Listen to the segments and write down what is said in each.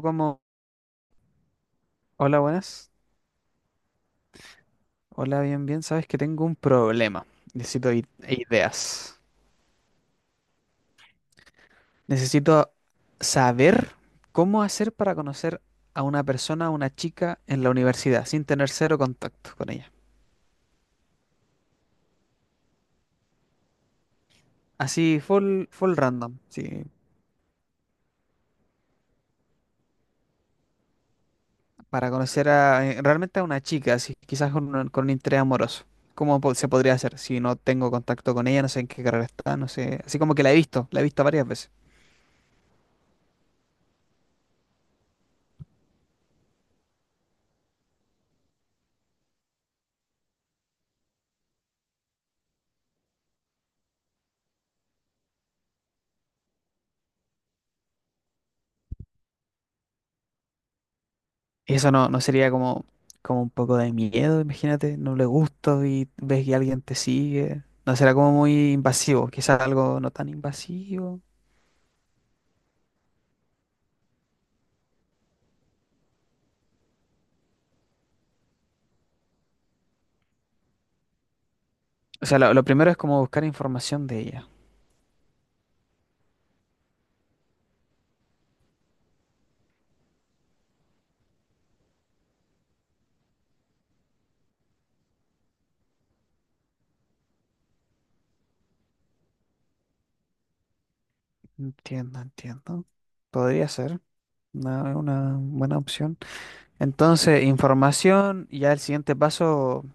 Como, hola, buenas. Hola, bien, bien, sabes que tengo un problema, necesito ideas. Necesito saber cómo hacer para conocer a una persona, a una chica en la universidad, sin tener cero contacto con ella. Así, full, full random, sí. Para conocer a, realmente a una chica, así, quizás con un interés amoroso. ¿Cómo se podría hacer si no tengo contacto con ella, no sé en qué carrera está, no sé, así como que la he visto varias veces? Eso no, no sería como, como un poco de miedo, imagínate, no le gusta y ves que alguien te sigue. No será como muy invasivo, quizás algo no tan invasivo. O sea, lo primero es como buscar información de ella. Entiendo, entiendo. Podría ser una buena opción. Entonces, información, y ya el siguiente paso, o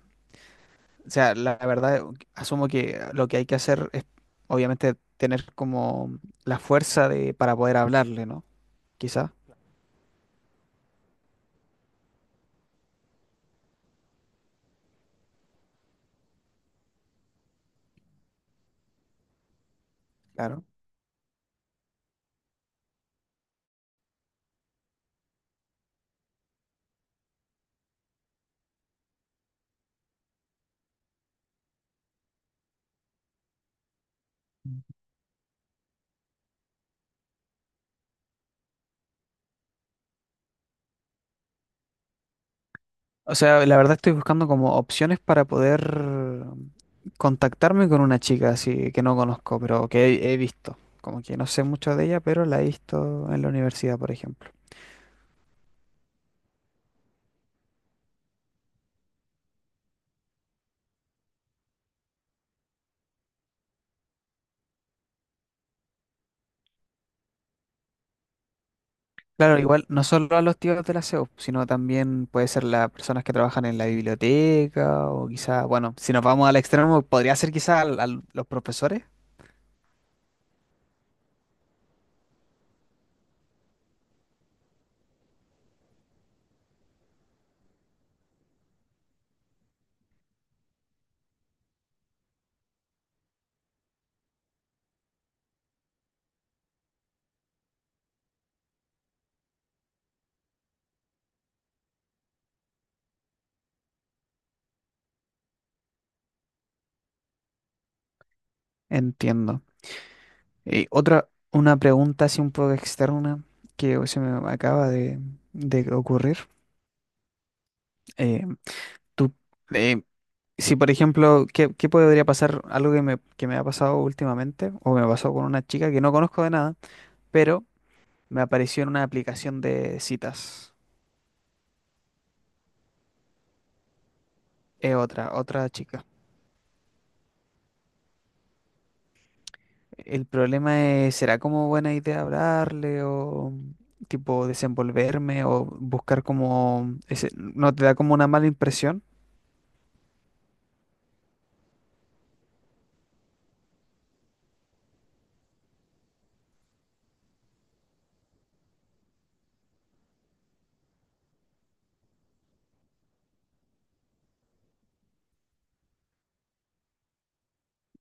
sea, la verdad, asumo que lo que hay que hacer es, obviamente, tener como la fuerza de, para poder hablarle, ¿no? Quizás. O sea, la verdad estoy buscando como opciones para poder contactarme con una chica así que no conozco, pero que he, he visto. Como que no sé mucho de ella, pero la he visto en la universidad, por ejemplo. Claro, igual no solo a los tíos de la CEU, sino también puede ser las personas que trabajan en la biblioteca o quizá, bueno, si nos vamos al extremo, podría ser quizá los profesores. Entiendo. Y otra, una pregunta así un poco externa que se me acaba de ocurrir. Eh, ¿Tú eh, si, por ejemplo, qué, qué podría pasar? Algo que me ha pasado últimamente, o me pasó con una chica que no conozco de nada, pero me apareció en una aplicación de citas. Es otra, otra chica. El problema es, ¿será como buena idea hablarle o tipo desenvolverme o buscar como ese no te da como una mala impresión?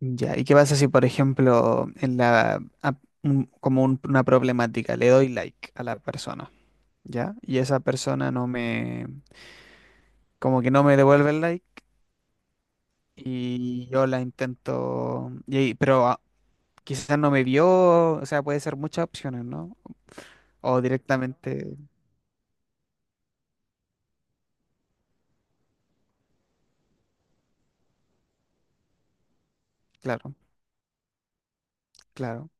Ya, ¿y qué pasa si, por ejemplo, en como una problemática, le doy like a la persona, ya? Y esa persona no me, como que no me devuelve el like y yo la intento, y, quizás no me vio, o sea, puede ser muchas opciones, ¿no? O directamente, claro, claro.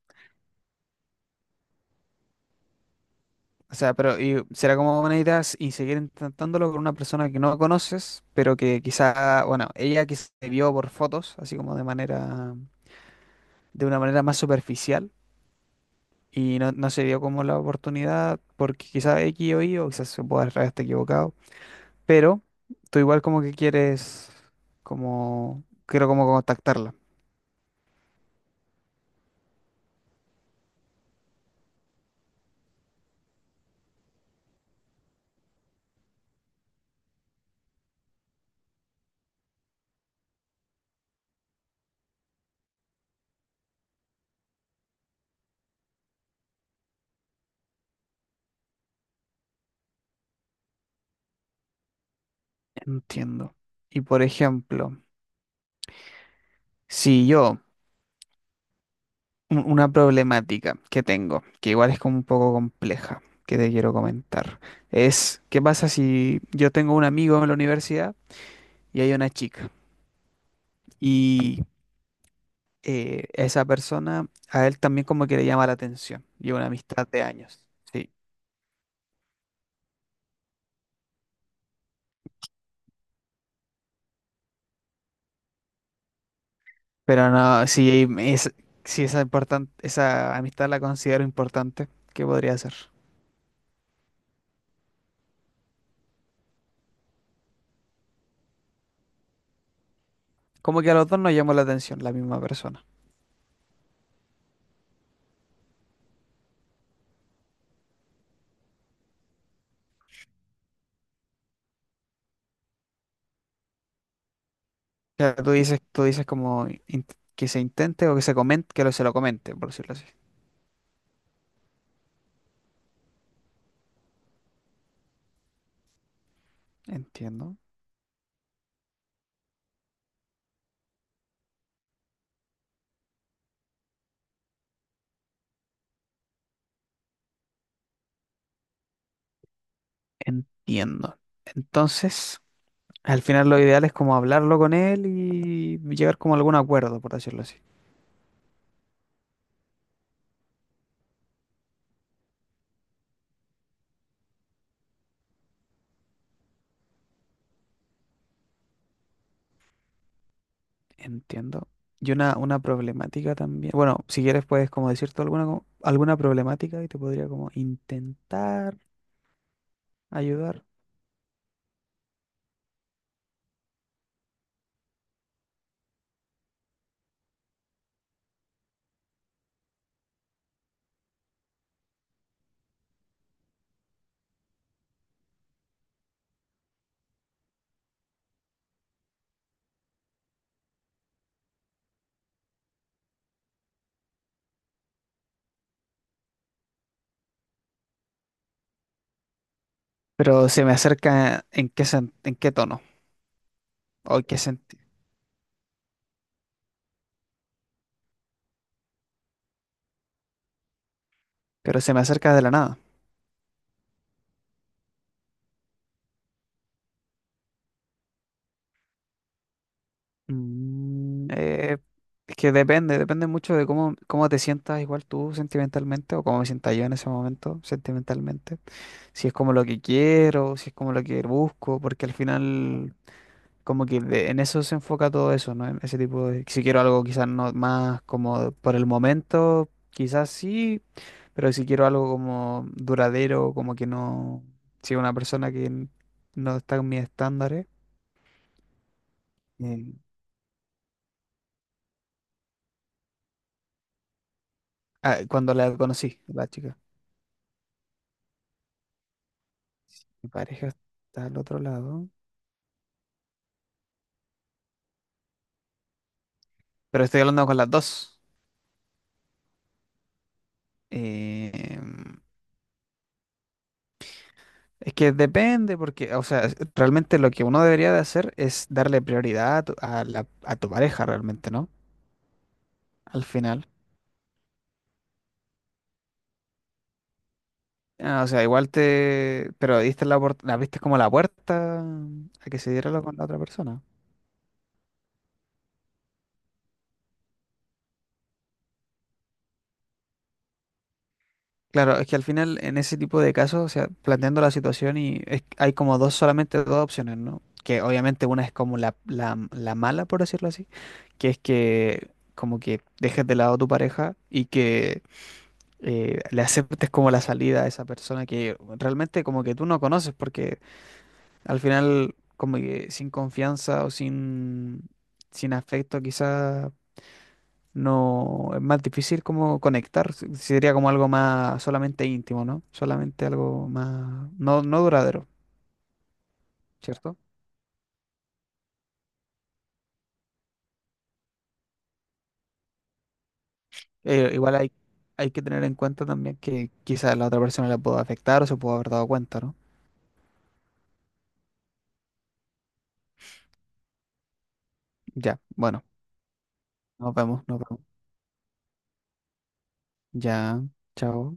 O sea, pero y será como una idea y seguir intentándolo con una persona que no conoces, pero que quizá, bueno, ella que se vio por fotos, así como de manera, de una manera más superficial. Y no, no se dio como la oportunidad porque quizá X o Y, o quizás se pueda estar equivocado. Pero tú igual como que quieres, como, quiero como contactarla. Entiendo. Y por ejemplo, si yo, una problemática que tengo, que igual es como un poco compleja, que te quiero comentar, es, ¿qué pasa si yo tengo un amigo en la universidad y hay una chica? Y esa persona a él también como que le llama la atención, y una amistad de años. Sí. Pero no, si es, si esa importante, esa amistad la considero importante, ¿qué podría ser? Como que a los dos nos llamó la atención la misma persona. O sea, tú dices como que se intente o que se comente, que lo, se lo comente, por decirlo así. Entiendo, entiendo. Entonces, al final lo ideal es como hablarlo con él y llegar como a algún acuerdo, por decirlo así. Entiendo. Y una problemática también. Bueno, si quieres puedes como decirte alguna, alguna problemática y te podría como intentar. Ayudar. Pero se me acerca en qué, en qué tono o en qué sentido. Pero se me acerca de la nada. Mm. Eh, es que depende, depende mucho de cómo, cómo te sientas igual tú sentimentalmente o cómo me sienta yo en ese momento sentimentalmente. Si es como lo que quiero, si es como lo que busco, porque al final como que en eso se enfoca todo eso, ¿no? En ese tipo de si quiero algo quizás no más como por el momento, quizás sí. Pero si quiero algo como duradero, como que no, sea una persona que no está en mis estándares. eh, cuando la conocí, la chica, mi pareja está al otro lado, pero estoy hablando con las dos. Eh, es que depende, porque, o sea, realmente lo que uno debería de hacer es darle prioridad a tu, a tu pareja realmente, ¿no? Al final. Ah, o sea, igual te, pero diste la, la viste como la puerta a que se diera lo con la otra persona. Claro, es que al final en ese tipo de casos, o sea, planteando la situación y hay como dos, solamente dos opciones, ¿no? Que obviamente una es como la mala, por decirlo así, que es que como que dejes de lado a tu pareja y que le aceptes como la salida a esa persona que realmente como que tú no conoces, porque al final como que sin confianza o sin, sin afecto quizás no, es más difícil como conectar, sería como algo más solamente íntimo, ¿no? Solamente algo más, no, no duradero, ¿cierto? Igual hay, hay que tener en cuenta también que quizás la otra persona la pueda afectar o se pueda haber dado cuenta, ¿no? Ya, bueno, nos vemos, nos vemos. Ya, chao.